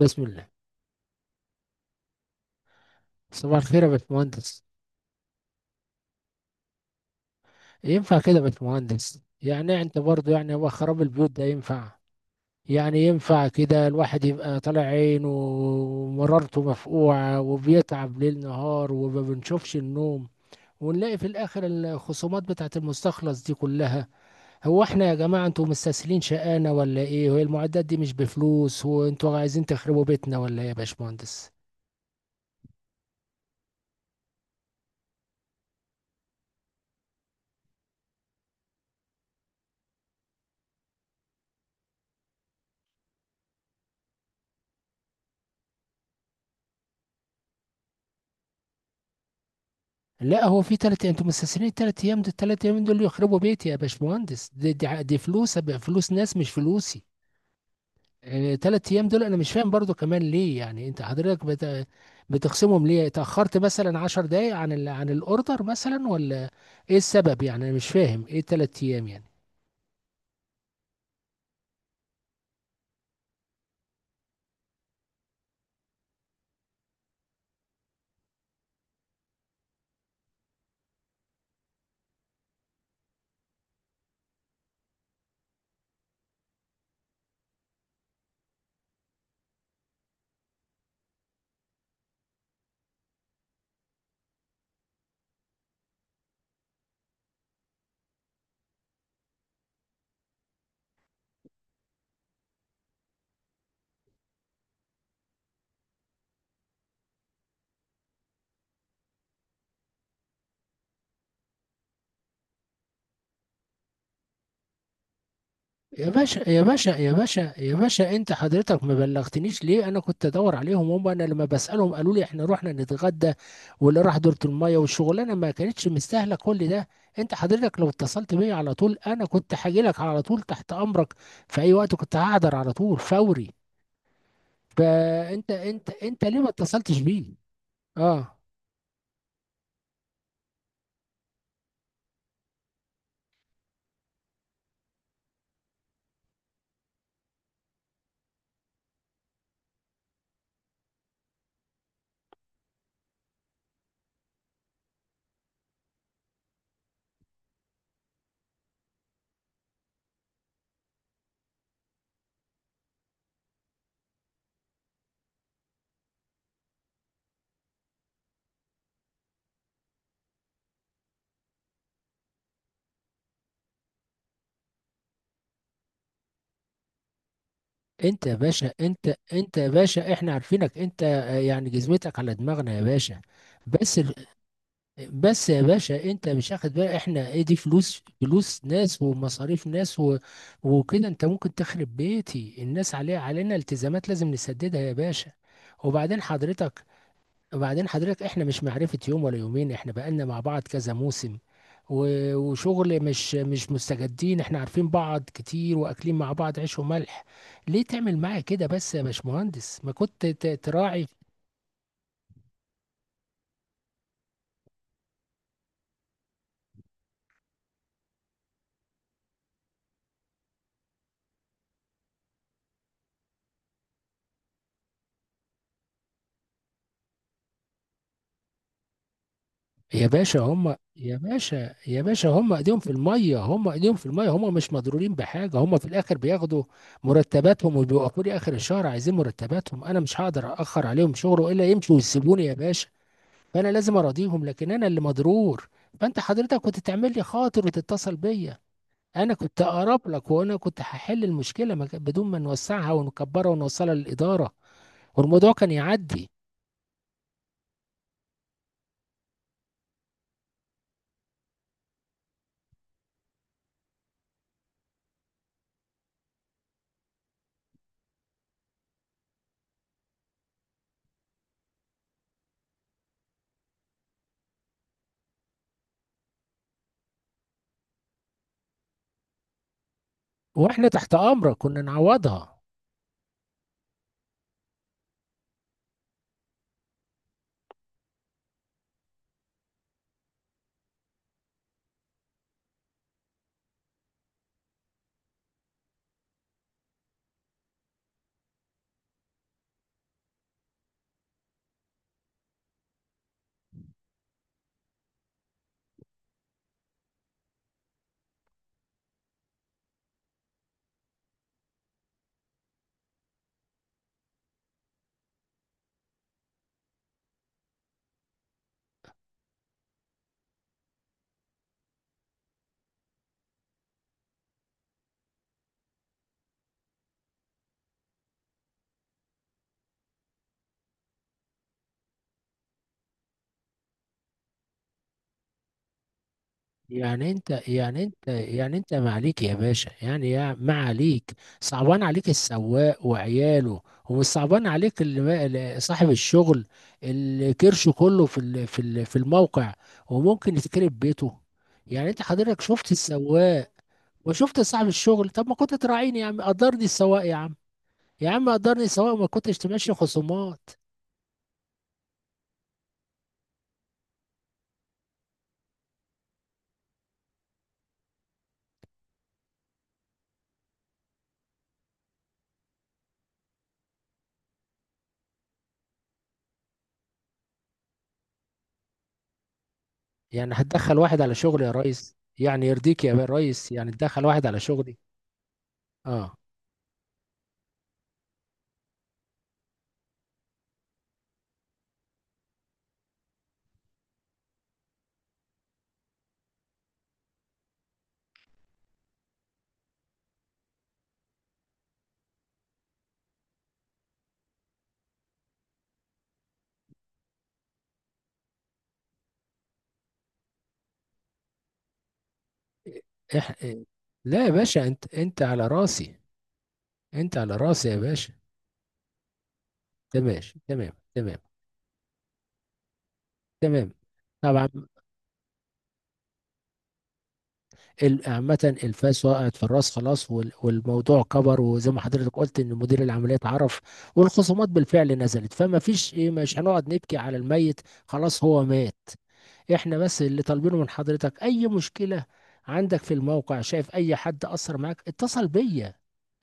بسم الله. صباح الخير يا باشمهندس. ينفع كده يا باشمهندس؟ يعني انت برضه يعني هو خراب البيوت ده ينفع؟ يعني ينفع كده الواحد يبقى طالع عينه ومرارته مفقوعة وبيتعب ليل نهار وما بنشوفش النوم، ونلاقي في الاخر الخصومات بتاعت المستخلص دي كلها؟ هو احنا يا جماعة انتوا مستسهلين شقانا ولا ايه؟ وهي المعدات دي مش بفلوس، وانتوا عايزين تخربوا بيتنا ولا ايه يا باشمهندس؟ لا هو في تلات، انتوا مستثمرين التلات ايام دول، التلات ايام دول يخربوا بيتي يا باشمهندس. دي فلوس ناس مش فلوسي. تلات ايام دول انا مش فاهم برضو كمان ليه، يعني انت حضرتك بتخصمهم ليه؟ اتأخرت مثلا 10 دقايق عن الاوردر مثلا، ولا ايه السبب؟ يعني انا مش فاهم ايه التلات ايام يعني. يا باشا يا باشا يا باشا يا باشا، انت حضرتك ما بلغتنيش ليه؟ انا كنت ادور عليهم هم، انا لما بسالهم قالوا لي احنا رحنا نتغدى واللي راح دورة الميه، والشغلانه ما كانتش مستاهله كل ده. انت حضرتك لو اتصلت بيا على طول انا كنت هاجي لك على طول تحت امرك في اي وقت، كنت هحضر على طول فوري. فانت انت انت ليه ما اتصلتش بيه؟ اه. انت يا باشا انت يا باشا احنا عارفينك انت، يعني جزمتك على دماغنا يا باشا. بس بس يا باشا، انت مش واخد بقى احنا ايه؟ دي فلوس، فلوس ناس ومصاريف ناس وكده. انت ممكن تخرب بيتي، الناس عليها علينا التزامات لازم نسددها يا باشا. وبعدين حضرتك وبعدين حضرتك احنا مش معرفة يوم ولا يومين، احنا بقالنا مع بعض كذا موسم وشغل مش مستجدين. احنا عارفين بعض كتير واكلين مع بعض عيش وملح. ليه تعمل معايا كده بس يا باشمهندس؟ ما كنت تراعي. يا باشا هم يا باشا يا باشا هم ايديهم في الميه، هم ايديهم في الميه. هم مش مضرورين بحاجه، هم في الاخر بياخدوا مرتباتهم وبيوقفوا لي اخر الشهر عايزين مرتباتهم. انا مش هقدر اخر عليهم شغله الا يمشوا ويسيبوني يا باشا، فانا لازم اراضيهم. لكن انا اللي مضرور. فانت حضرتك كنت تعمل لي خاطر وتتصل بيا، انا كنت اقرب لك وانا كنت هحل المشكله ما كان- بدون ما نوسعها ونكبرها ونوصلها للاداره، والموضوع كان يعدي. واحنا تحت امرك كنا نعوضها. يعني انت ما عليك يا باشا، يعني يا ما عليك. صعبان عليك السواق وعياله، ومش صعبان عليك اللي ما- اللي صاحب الشغل، اللي كرشه كله في الموقع وممكن يتكرب بيته. يعني انت حضرتك شفت السواق وشفت صاحب الشغل. طب ما كنت تراعيني يا عم؟ قدرني السواق يا عم، يا عم قدرني السواق وما كنتش تمشي خصومات. يعني هتدخل واحد على شغلي يا ريس؟ يعني يرضيك يا ريس يعني تدخل واحد على شغلي؟ اه. إح... لا يا باشا، انت على راسي، انت على راسي يا باشا. تمام. تمام تمام. تمام. طبعا. عامة الفاس وقعت في الراس خلاص، والموضوع كبر، وزي ما حضرتك قلت ان مدير العمليات عرف والخصومات بالفعل نزلت، فما فيش ايه، مش هنقعد نبكي على الميت، خلاص هو مات. احنا بس اللي طالبينه من حضرتك، اي مشكلة عندك في الموقع، شايف اي حد اثر معاك، اتصل بيا.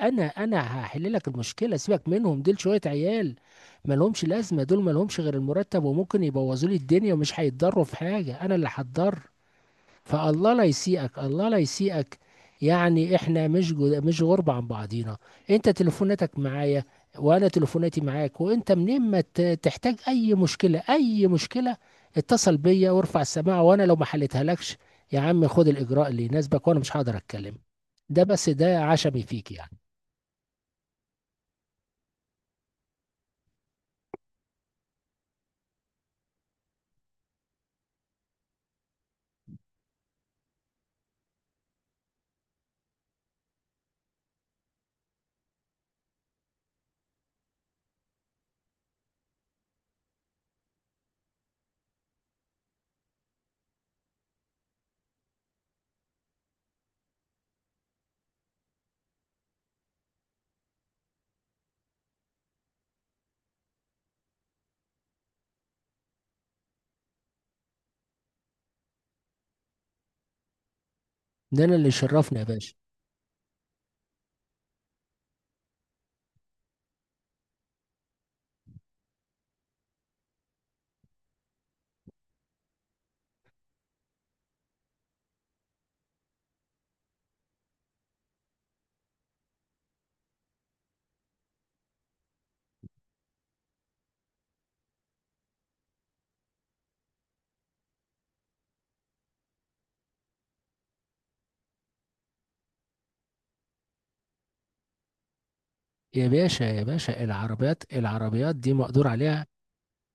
انا هحل لك المشكله، سيبك منهم دول شويه عيال مالهمش لازمه، دول مالهمش غير المرتب، وممكن يبوظوا لي الدنيا ومش هيتضروا في حاجه، انا اللي هتضر. فالله لا يسيئك، الله لا يسيئك. يعني احنا مش جو، مش غربة عن بعضينا. انت تليفوناتك معايا وانا تليفوناتي معاك، وانت منين ما تحتاج اي مشكلة، اي مشكلة، اتصل بيا وارفع السماعة. وانا لو ما حلتها لكش يا عم، خد الاجراء اللي يناسبك وانا مش هقدر اتكلم. ده بس ده عشمي فيك يعني. ده انا اللي شرفنا يا باشا. يا باشا يا باشا، العربيات دي مقدور عليها.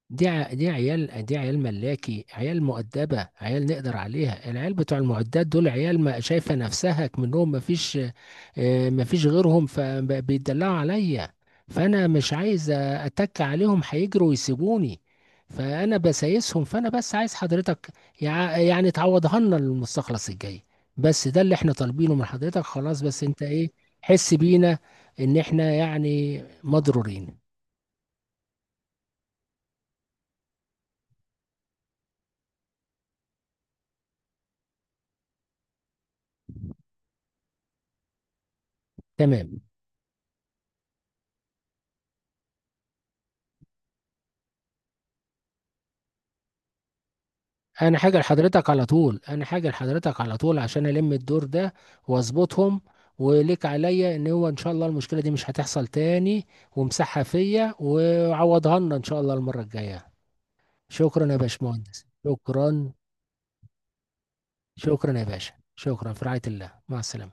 دي عيال، دي عيال ملاكي، عيال مؤدبة، عيال نقدر عليها. العيال بتوع المعدات دول عيال ما شايفة نفسها، منهم ما فيش، ما فيش غيرهم فبيدلعوا عليا. فأنا مش عايز أتك عليهم، هيجروا ويسيبوني، فأنا بسايسهم. فأنا بس عايز حضرتك يعني تعوضها لنا المستخلص الجاي. بس ده اللي احنا طالبينه من حضرتك خلاص. بس انت ايه، حس بينا ان احنا يعني مضرورين. تمام. انا حاجة لحضرتك على طول، انا حاجة لحضرتك على طول عشان الم الدور ده واظبطهم. وليك عليا ان هو ان شاء الله المشكلة دي مش هتحصل تاني، ومسحها فيا وعوضها لنا ان شاء الله المرة الجاية. شكرا يا باشمهندس شكرا. شكرا يا باشا شكرا، في رعاية الله، مع السلامة.